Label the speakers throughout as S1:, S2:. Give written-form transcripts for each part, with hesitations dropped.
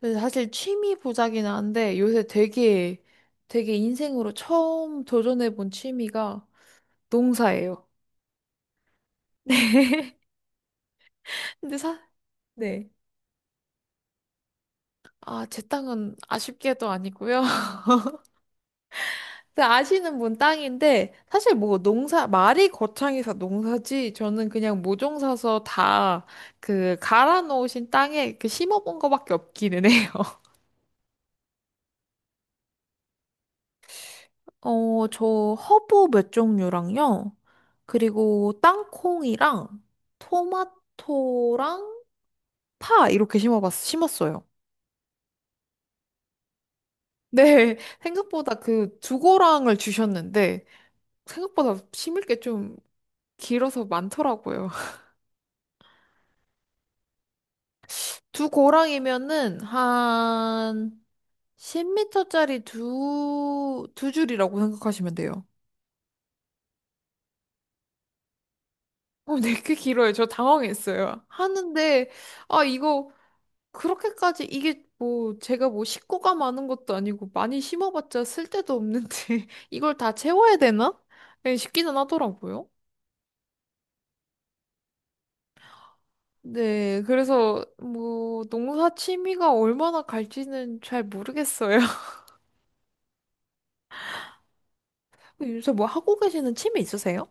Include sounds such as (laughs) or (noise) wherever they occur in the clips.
S1: 근데 사실 취미 보자긴 한데 요새 되게 되게 인생으로 처음 도전해본 취미가 농사예요. (laughs) 네. 근데 사, 네. 아, 제 땅은 아쉽게도 아니고요. (laughs) 근데 아시는 분 땅인데 사실 뭐 농사 말이 거창해서 농사지 저는 그냥 모종 사서 다 그 갈아 놓으신 땅에 그 심어본 거밖에 없기는 해요. 어, 저 허브 몇 종류랑요. 그리고 땅콩이랑 토마토랑 파 이렇게 심었어요. 네, (laughs) 생각보다 그 두고랑을 주셨는데 생각보다 심을 게 좀 길어서 많더라고요. (laughs) 두 고랑이면은 한 10m짜리 두 줄이라고 생각하시면 돼요. 어, 네, 꽤 길어요. 저 당황했어요. 하는데, 아, 이거 그렇게까지 이게 뭐 제가 뭐 식구가 많은 것도 아니고 많이 심어봤자 쓸데도 없는데 (laughs) 이걸 다 채워야 되나? 예, 싶기는 하더라고요. 네, 그래서 뭐 농사 취미가 얼마나 갈지는 잘 모르겠어요. (laughs) 요새 뭐 하고 계시는 취미 있으세요?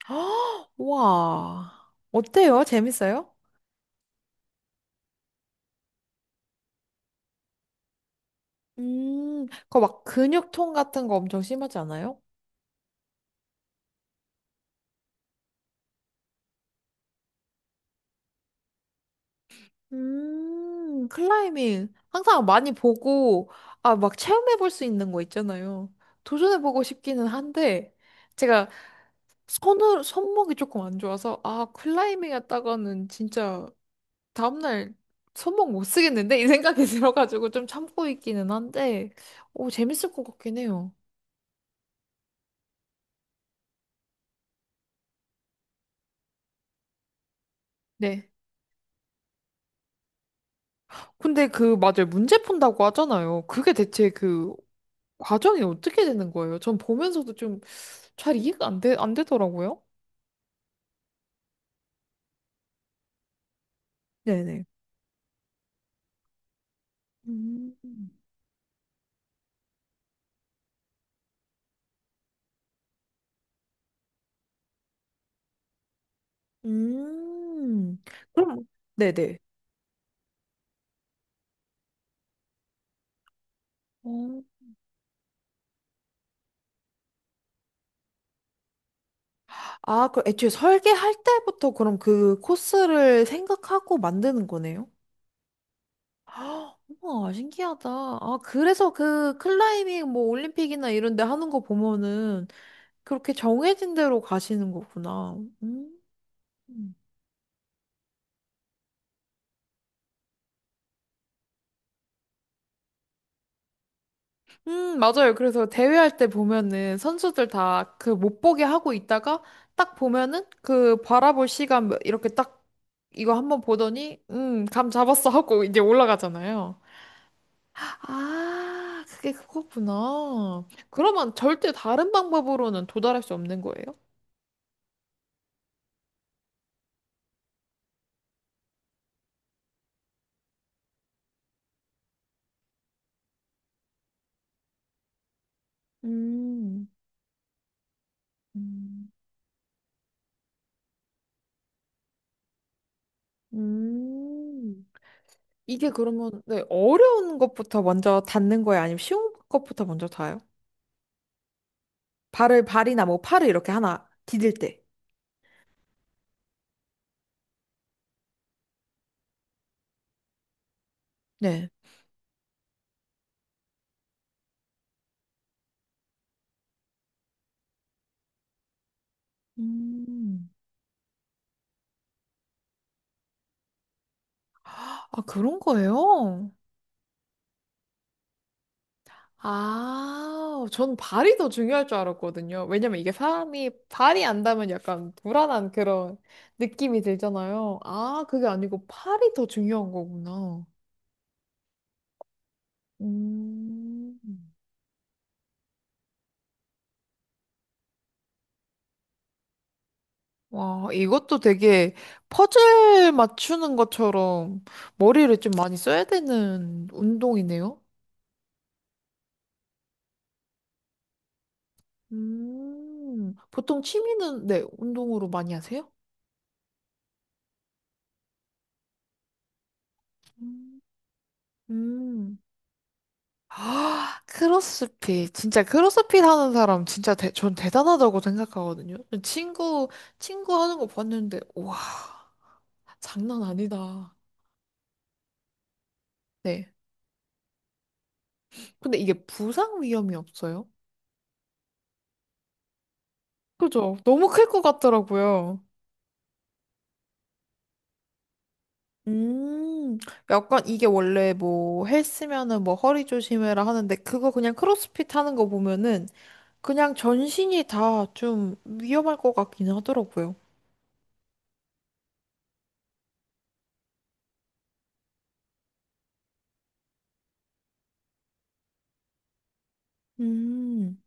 S1: (gasps) 와, 어때요? 재밌어요? 그막 근육통 같은 거 엄청 심하지 않아요? 클라이밍. 항상 많이 보고, 아, 막 체험해볼 수 있는 거 있잖아요. 도전해보고 싶기는 한데, 제가 손목이 조금 안 좋아서, 아, 클라이밍 했다가는 진짜 다음날 손목 못 쓰겠는데? 이 생각이 (laughs) 들어가지고 좀 참고 있기는 한데, 오, 재밌을 것 같긴 해요. 네. 근데 그, 맞아요. 문제 푼다고 하잖아요. 그게 대체 그 과정이 어떻게 되는 거예요? 전 보면서도 좀 잘 이해가 안 되더라고요. 네네. 음. 음. 그럼, 네네. 어. 아, 그럼 애초에 설계할 때부터 그럼 그 코스를 생각하고 만드는 거네요? (gasps) 아, 우와, 신기하다. 아, 그래서 그 클라이밍 뭐 올림픽이나 이런 데 하는 거 보면은 그렇게 정해진 대로 가시는 거구나. 음. 맞아요. 그래서 대회할 때 보면은 선수들 다 그 못 보게 하고 있다가 딱 보면은 그 바라볼 시간 뭐 이렇게 딱 이거 한번 보더니 감 잡았어 하고 이제 올라가잖아요. 아, 그게 그거구나. 그러면 절대 다른 방법으로는 도달할 수 없는 거예요? 음, 음, 음. 이게 그러면 네, 어려운 것부터 먼저 닿는 거예요? 아니면 쉬운 것부터 먼저 닿아요? 발을 발이나 뭐 팔을 이렇게 하나 디딜 때. 네. 음. 아, 그런 거예요? 아, 전 발이 더 중요할 줄 알았거든요. 왜냐면 이게 사람이 발이 안 닿으면 약간 불안한 그런 느낌이 들잖아요. 아, 그게 아니고 팔이 더 중요한 거구나. 음. 와, 이것도 되게 퍼즐 맞추는 것처럼 머리를 좀 많이 써야 되는 운동이네요. 음. 보통 취미는, 네, 운동으로 많이 하세요? 음. 음. 아, 크로스핏. 진짜 크로스핏 하는 사람 진짜 전 대단하다고 생각하거든요. 친구, 친구 하는 거 봤는데, 와, 장난 아니다. 네. 근데 이게 부상 위험이 없어요? 그죠? 너무 클 것 같더라고요. 음, 약간 이게 원래 뭐 헬스면은 뭐 허리 조심해라 하는데 그거 그냥 크로스핏 하는 거 보면은 그냥 전신이 다 좀 위험할 것 같긴 하더라고요. 음,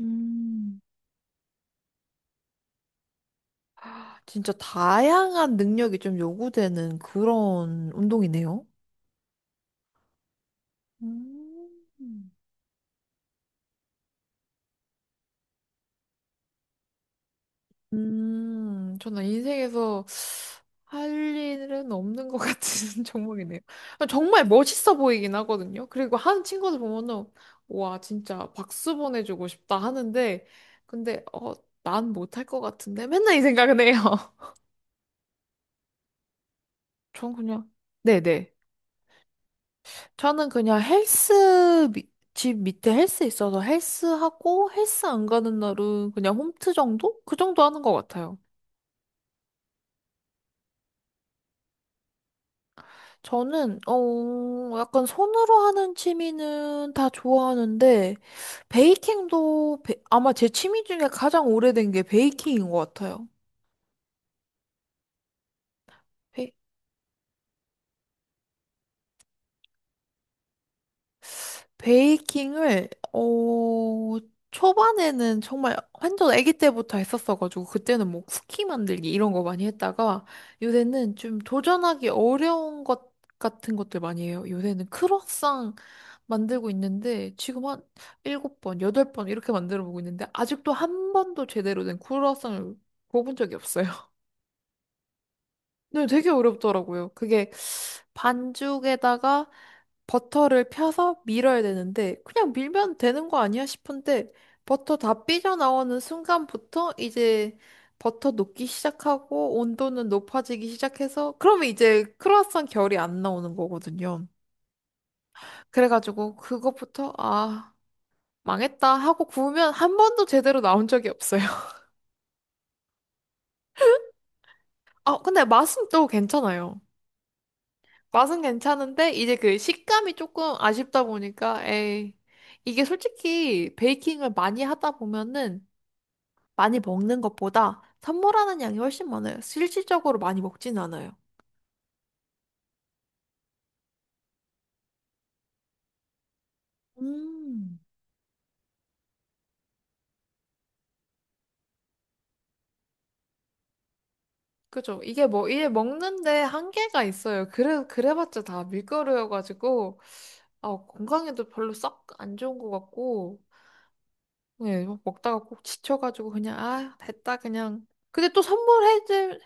S1: 음. 진짜 다양한 능력이 좀 요구되는 그런 운동이네요. 음. 저는 인생에서 할 일은 없는 것 같은 (laughs) 종목이네요. 정말 멋있어 보이긴 하거든요. 그리고 하는 친구들 보면은, 와, 진짜 박수 보내주고 싶다 하는데, 근데, 어, 난 못할 것 같은데? 맨날 이 생각은 해요. (laughs) 전 그냥, 네네. 저는 그냥 집 밑에 헬스 있어서 헬스하고 헬스 안 가는 날은 그냥 홈트 정도? 그 정도 하는 것 같아요. 저는 어 약간 손으로 하는 취미는 다 좋아하는데 아마 제 취미 중에 가장 오래된 게 베이킹인 것 같아요. 베이킹을 어 초반에는 정말 완전 아기 때부터 했었어가지고 그때는 뭐 쿠키 만들기 이런 거 많이 했다가 요새는 좀 도전하기 어려운 것 같은 것들 많이 해요. 요새는 크로상 만들고 있는데 지금 한 일곱 번, 여덟 번 이렇게 만들어 보고 있는데 아직도 한 번도 제대로 된 크로상을 구워본 적이 없어요. 네, 되게 어렵더라고요. 그게 반죽에다가 버터를 펴서 밀어야 되는데 그냥 밀면 되는 거 아니야 싶은데 버터 다 삐져나오는 순간부터 이제 버터 녹기 시작하고 온도는 높아지기 시작해서 그러면 이제 크루아상 결이 안 나오는 거거든요. 그래가지고 그것부터 아 망했다 하고 구우면 한 번도 제대로 나온 적이 없어요. (laughs) 아 근데 맛은 또 괜찮아요. 맛은 괜찮은데 이제 그 식감이 조금 아쉽다 보니까 에이 이게 솔직히 베이킹을 많이 하다 보면은 많이 먹는 것보다 선물하는 양이 훨씬 많아요. 실질적으로 많이 먹진 않아요. 음. 그죠? 이게 뭐 이게 먹는데 한계가 있어요. 그래 그래봤자 다 밀가루여가지고 아, 건강에도 별로 썩 안 좋은 것 같고 네, 막 먹다가 꼭 지쳐가지고 그냥 아 됐다 그냥. 근데 또 선물해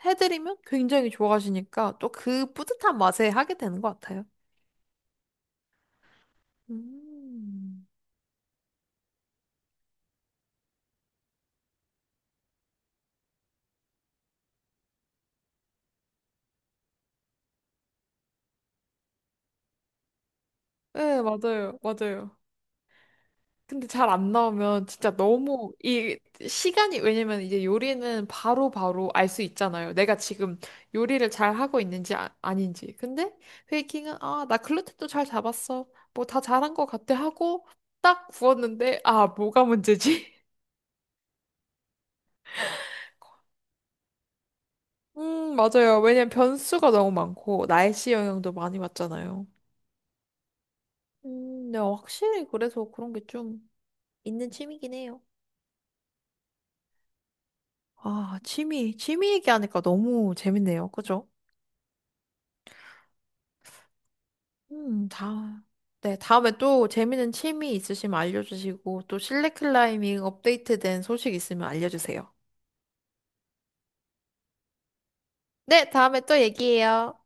S1: 해드리면 굉장히 좋아하시니까 또 그 뿌듯한 맛에 하게 되는 것 같아요. 음. 네, 맞아요, 맞아요. 근데 잘 안 나오면 진짜 너무 이 시간이 왜냐면 이제 요리는 바로바로 알 수 있잖아요. 내가 지금 요리를 잘 하고 있는지 아닌지. 근데 베이킹은 아, 나 글루텐도 잘 잡았어. 뭐 다 잘한 것 같아 하고 딱 구웠는데 아, 뭐가 문제지? (laughs) 맞아요. 왜냐면 변수가 너무 많고, 날씨 영향도 많이 받잖아요. 네, 확실히 그래서 그런 게 좀 있는 취미긴 해요. 아, 취미, 취미 얘기하니까 너무 재밌네요. 그죠? 다, 네, 다음에 또 재밌는 취미 있으시면 알려주시고, 또 실내 클라이밍 업데이트된 소식 있으면 알려주세요. 네, 다음에 또 얘기해요.